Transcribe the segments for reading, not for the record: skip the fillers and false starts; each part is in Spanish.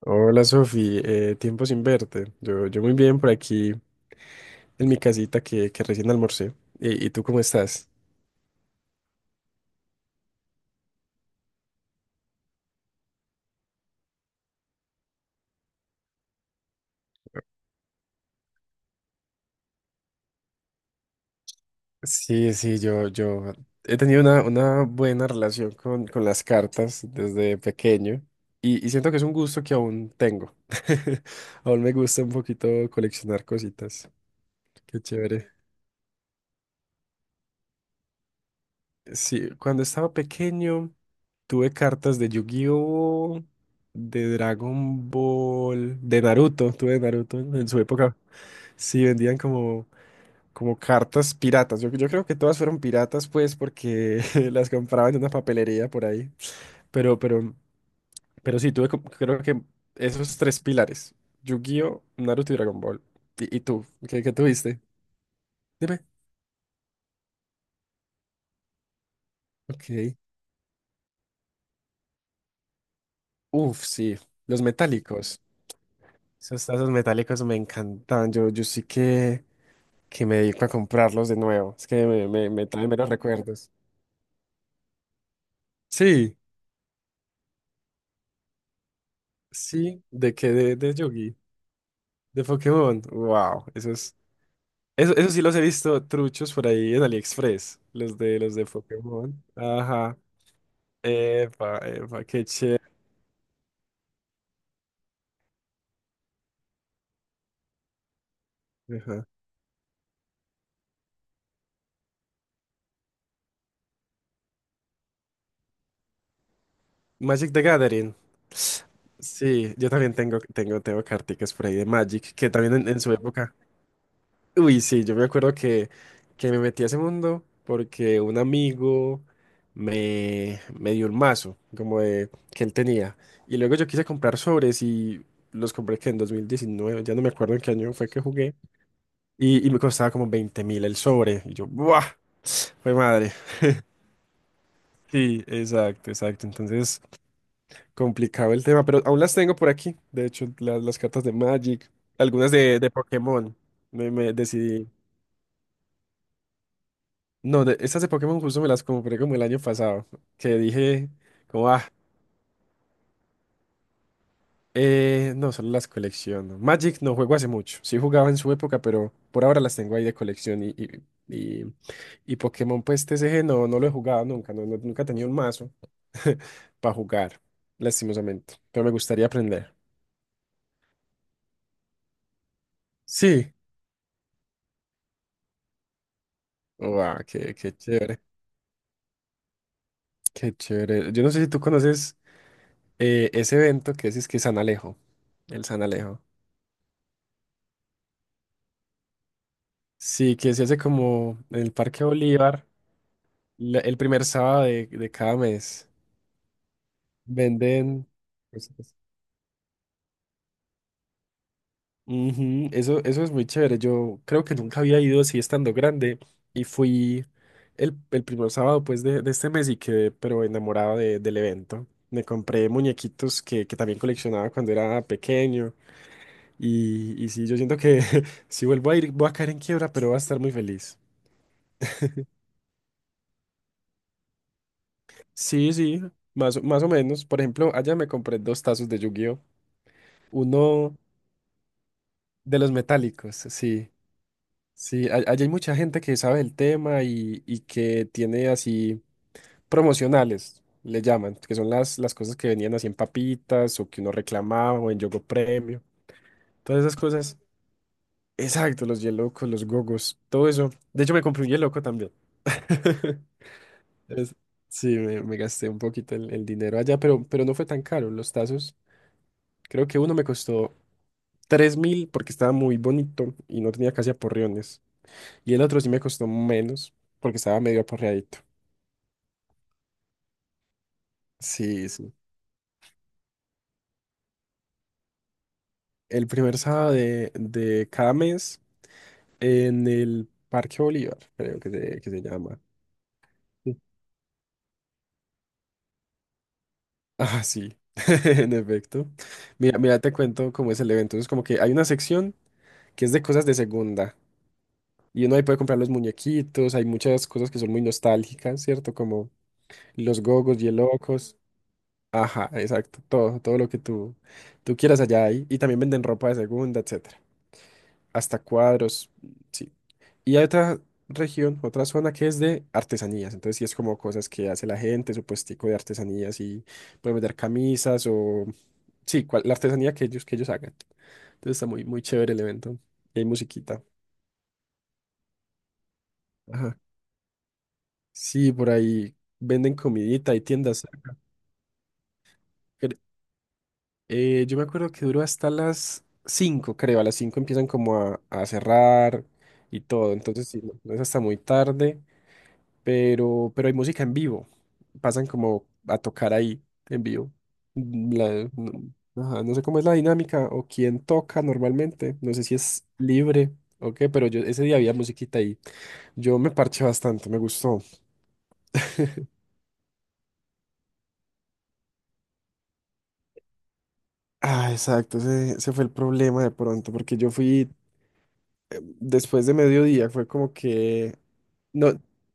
Hola Sofi, tiempo sin verte. Yo muy bien por aquí en mi casita que recién almorcé. ¿Y tú cómo estás? Sí, sí, yo he tenido una buena relación con las cartas desde pequeño y siento que es un gusto que aún tengo. Aún me gusta un poquito coleccionar cositas. Qué chévere. Sí, cuando estaba pequeño tuve cartas de Yu-Gi-Oh, de Dragon Ball, de Naruto, tuve Naruto en su época. Sí, vendían como cartas piratas. Yo creo que todas fueron piratas, pues, porque las compraban en una papelería por ahí. Pero, pero, pero sí, tuve creo que esos tres pilares. Yu-Gi-Oh, Naruto y Dragon Ball. ¿Y tú? ¿Qué tuviste? Dime. Ok. Uf, sí. Los metálicos. Esos tazos metálicos me encantaban. Yo sí que me dedico a comprarlos de nuevo. Es que me traen menos recuerdos. Sí, sí. ¿De qué? De Yugi. De Pokémon. Wow. Eso es. Eso sí los he visto truchos por ahí en AliExpress. Los de Pokémon. Ajá. Epa, epa, qué chévere. Ajá. Magic the Gathering. Sí, yo también tengo carticas por ahí de Magic, que también en su época. Uy, sí, yo me acuerdo que me metí a ese mundo porque un amigo me dio un mazo como que él tenía. Y luego yo quise comprar sobres y los compré que en 2019 ya no me acuerdo en qué año fue que jugué. Y me costaba como 20.000 el sobre. Y yo, ¡buah! Fue madre. Sí, exacto, exacto. Entonces, complicado el tema, pero aún las tengo por aquí. De hecho, las cartas de Magic, algunas de Pokémon. Me decidí. No, estas de Pokémon justo me las compré como el año pasado, que dije, como, ah, no, solo las colecciono. Magic no juego hace mucho, sí jugaba en su época, pero por ahora las tengo ahí de colección y, y Pokémon, pues TCG no lo he jugado nunca, no, nunca he tenido un mazo para jugar, lastimosamente, pero me gustaría aprender. Sí, wow, qué chévere, qué chévere. Yo no sé si tú conoces ese evento que es que San Alejo, el San Alejo. Sí, que se hace como en el Parque Bolívar, el primer sábado de cada mes. Venden cositas. Ujú. Eso es muy chévere. Yo creo que nunca había ido así estando grande y fui el primer sábado pues de este mes y quedé pero enamorado del evento. Me compré muñequitos que también coleccionaba cuando era pequeño y sí, yo siento que si vuelvo a ir voy a caer en quiebra, pero voy a estar muy feliz. Sí, sí, más, más o menos. Por ejemplo, allá me compré dos tazos de Yu-Gi-Oh! Uno de los metálicos, sí. Sí, allá hay mucha gente que sabe el tema y que tiene así promocionales, le llaman, que son las cosas que venían así en papitas o que uno reclamaba o en Yogo Premio. Todas esas cosas. Exacto, los Yelocos, los Gogos, todo eso. De hecho, me compré un Yeloco también. Es- sí, me gasté un poquito el dinero allá, pero no fue tan caro. Los tazos, creo que uno me costó 3.000 porque estaba muy bonito y no tenía casi aporreones. Y el otro sí me costó menos porque estaba medio aporreadito. Sí, sí. El primer sábado de cada mes en el Parque Bolívar, creo que se llama. Sí. Ah, sí, en efecto. Mira, mira, te cuento cómo es el evento. Es como que hay una sección que es de cosas de segunda. Y uno ahí puede comprar los muñequitos, hay muchas cosas que son muy nostálgicas, ¿cierto? Como los gogos, y Ajá, exacto. Todo lo que tú quieras allá hay. Y también venden ropa de segunda, etcétera. Hasta cuadros, sí. Y hay otra región, otra zona que es de artesanías. Entonces sí es como cosas que hace la gente, su puestico de artesanías y pueden vender camisas o sí, la artesanía que ellos hagan. Entonces está muy, muy chévere el evento. Y hay musiquita. Ajá. Sí, por ahí venden comidita, hay tiendas. Yo me acuerdo que duró hasta las 5, creo. A las 5 empiezan como a cerrar y todo. Entonces, sí, no, no es hasta muy tarde, pero hay música en vivo. Pasan como a tocar ahí en vivo. Mm, la- no, ajá, no sé cómo es la dinámica o quién toca normalmente. No sé si es libre o qué, pero yo ese día había musiquita ahí. Yo me parché bastante, me gustó. Ah, exacto, ese fue el problema de pronto, porque yo fui después de mediodía, fue como que. No,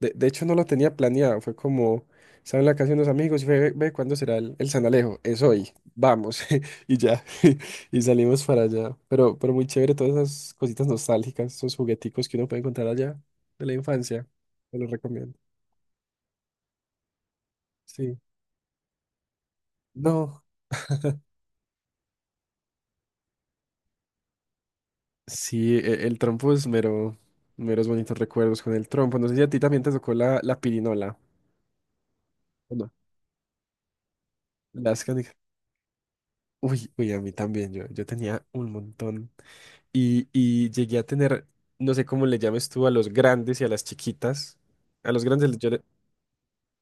de hecho no lo tenía planeado, fue como, estaba en la casa de unos amigos y fue, ve, ve, ¿cuándo será el San Alejo? Es hoy, vamos, y ya, y salimos para allá. Pero muy chévere todas esas cositas nostálgicas, esos jugueticos que uno puede encontrar allá de la infancia, te los recomiendo. Sí. No, sí, trompo es mero, meros bonitos recuerdos con el trompo. No sé si a ti también te tocó la pirinola, ¿o no? Las canicas. Uy, uy, a mí también, yo tenía un montón, y llegué a tener, no sé cómo le llames tú a los grandes y a las chiquitas. A los grandes yo le...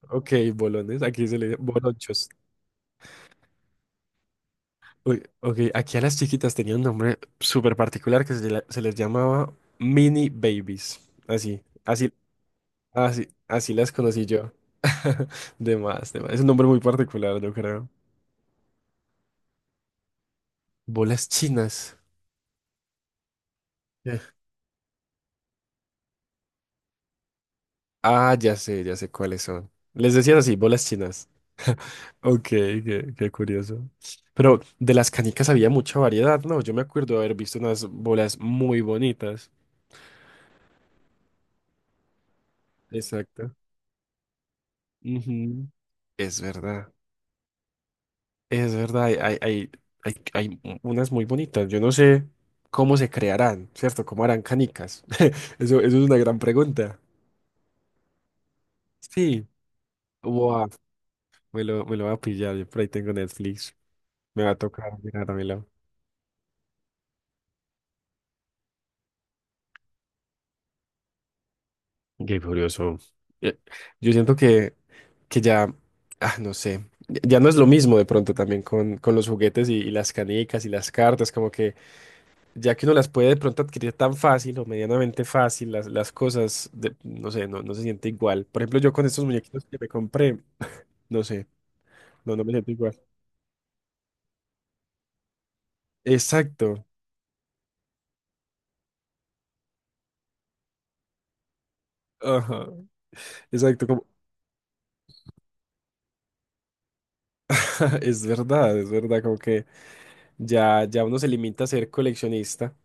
Ok, bolones, aquí se le dice bolonchos. Uy, ok, aquí a las chiquitas tenía un nombre súper particular que se les llamaba mini babies. Así, así, así, así las conocí yo. De más, de más. Es un nombre muy particular, yo creo. Bolas chinas. Eh. Ah, ya sé cuáles son. Les decían así, bolas chinas. Ok, qué curioso. Pero de las canicas había mucha variedad, ¿no? Yo me acuerdo de haber visto unas bolas muy bonitas. Exacto. Ujú. Es verdad, es verdad, hay unas muy bonitas. Yo no sé cómo se crearán, ¿cierto? ¿Cómo harán canicas? Eso es una gran pregunta. Sí, wow, me lo va a pillar, yo por ahí tengo Netflix, me va a tocar mirármelo. Qué curioso. Eh, Yo siento que ya, ah, no sé, ya ya no es lo mismo de pronto también con los juguetes y las canicas y las cartas, como que ya que uno las puede de pronto adquirir tan fácil o medianamente fácil, las cosas, no sé, no, no se siente igual. Por ejemplo, yo con estos muñequitos que me compré, no sé, no, no me siento igual. Exacto. Ajá, exacto, como, es verdad, como que ya, ya uno se limita a ser coleccionista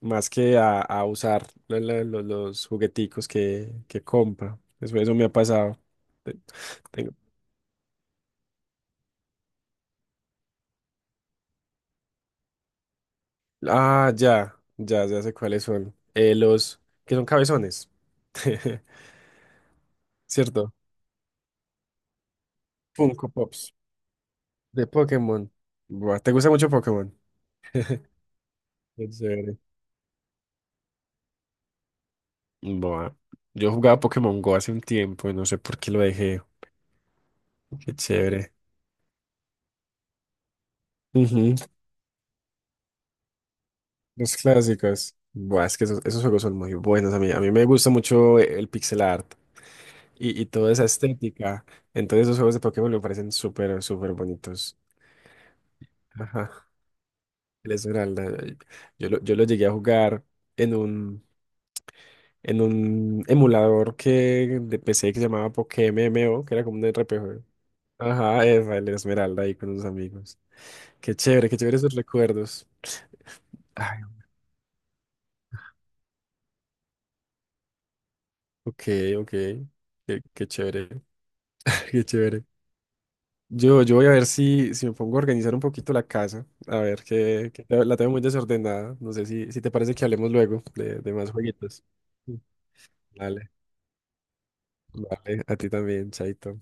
más que a usar los jugueticos que compra. Eso me ha pasado. Te- tengo- Ah, ya, ya, ya sé cuáles son. Los que son cabezones, ¿cierto? Funko Pops de Pokémon. Buah, ¿te gusta mucho Pokémon? Qué chévere. Buah, yo jugaba Pokémon Go hace un tiempo y no sé por qué lo dejé. Qué chévere. Ujú. Los clásicos. Buah, es que esos juegos son muy buenos a mí. A mí me gusta mucho el pixel art, y toda esa estética. Entonces esos juegos de Pokémon me parecen súper, súper bonitos. Ajá. El Esmeralda. Yo lo llegué a jugar en un, en un emulador que de PC que se llamaba PokéMMO, que era como un RPG. Ajá, el Esmeralda ahí con unos amigos. Qué chévere esos recuerdos. Ay, ok, ok. Qué chévere, qué chévere. Yo voy a ver si me pongo a organizar un poquito la casa. A ver, la tengo muy desordenada. No sé si te parece que hablemos luego de más jueguitos. Mm. Vale, vale, a ti también, Chaito.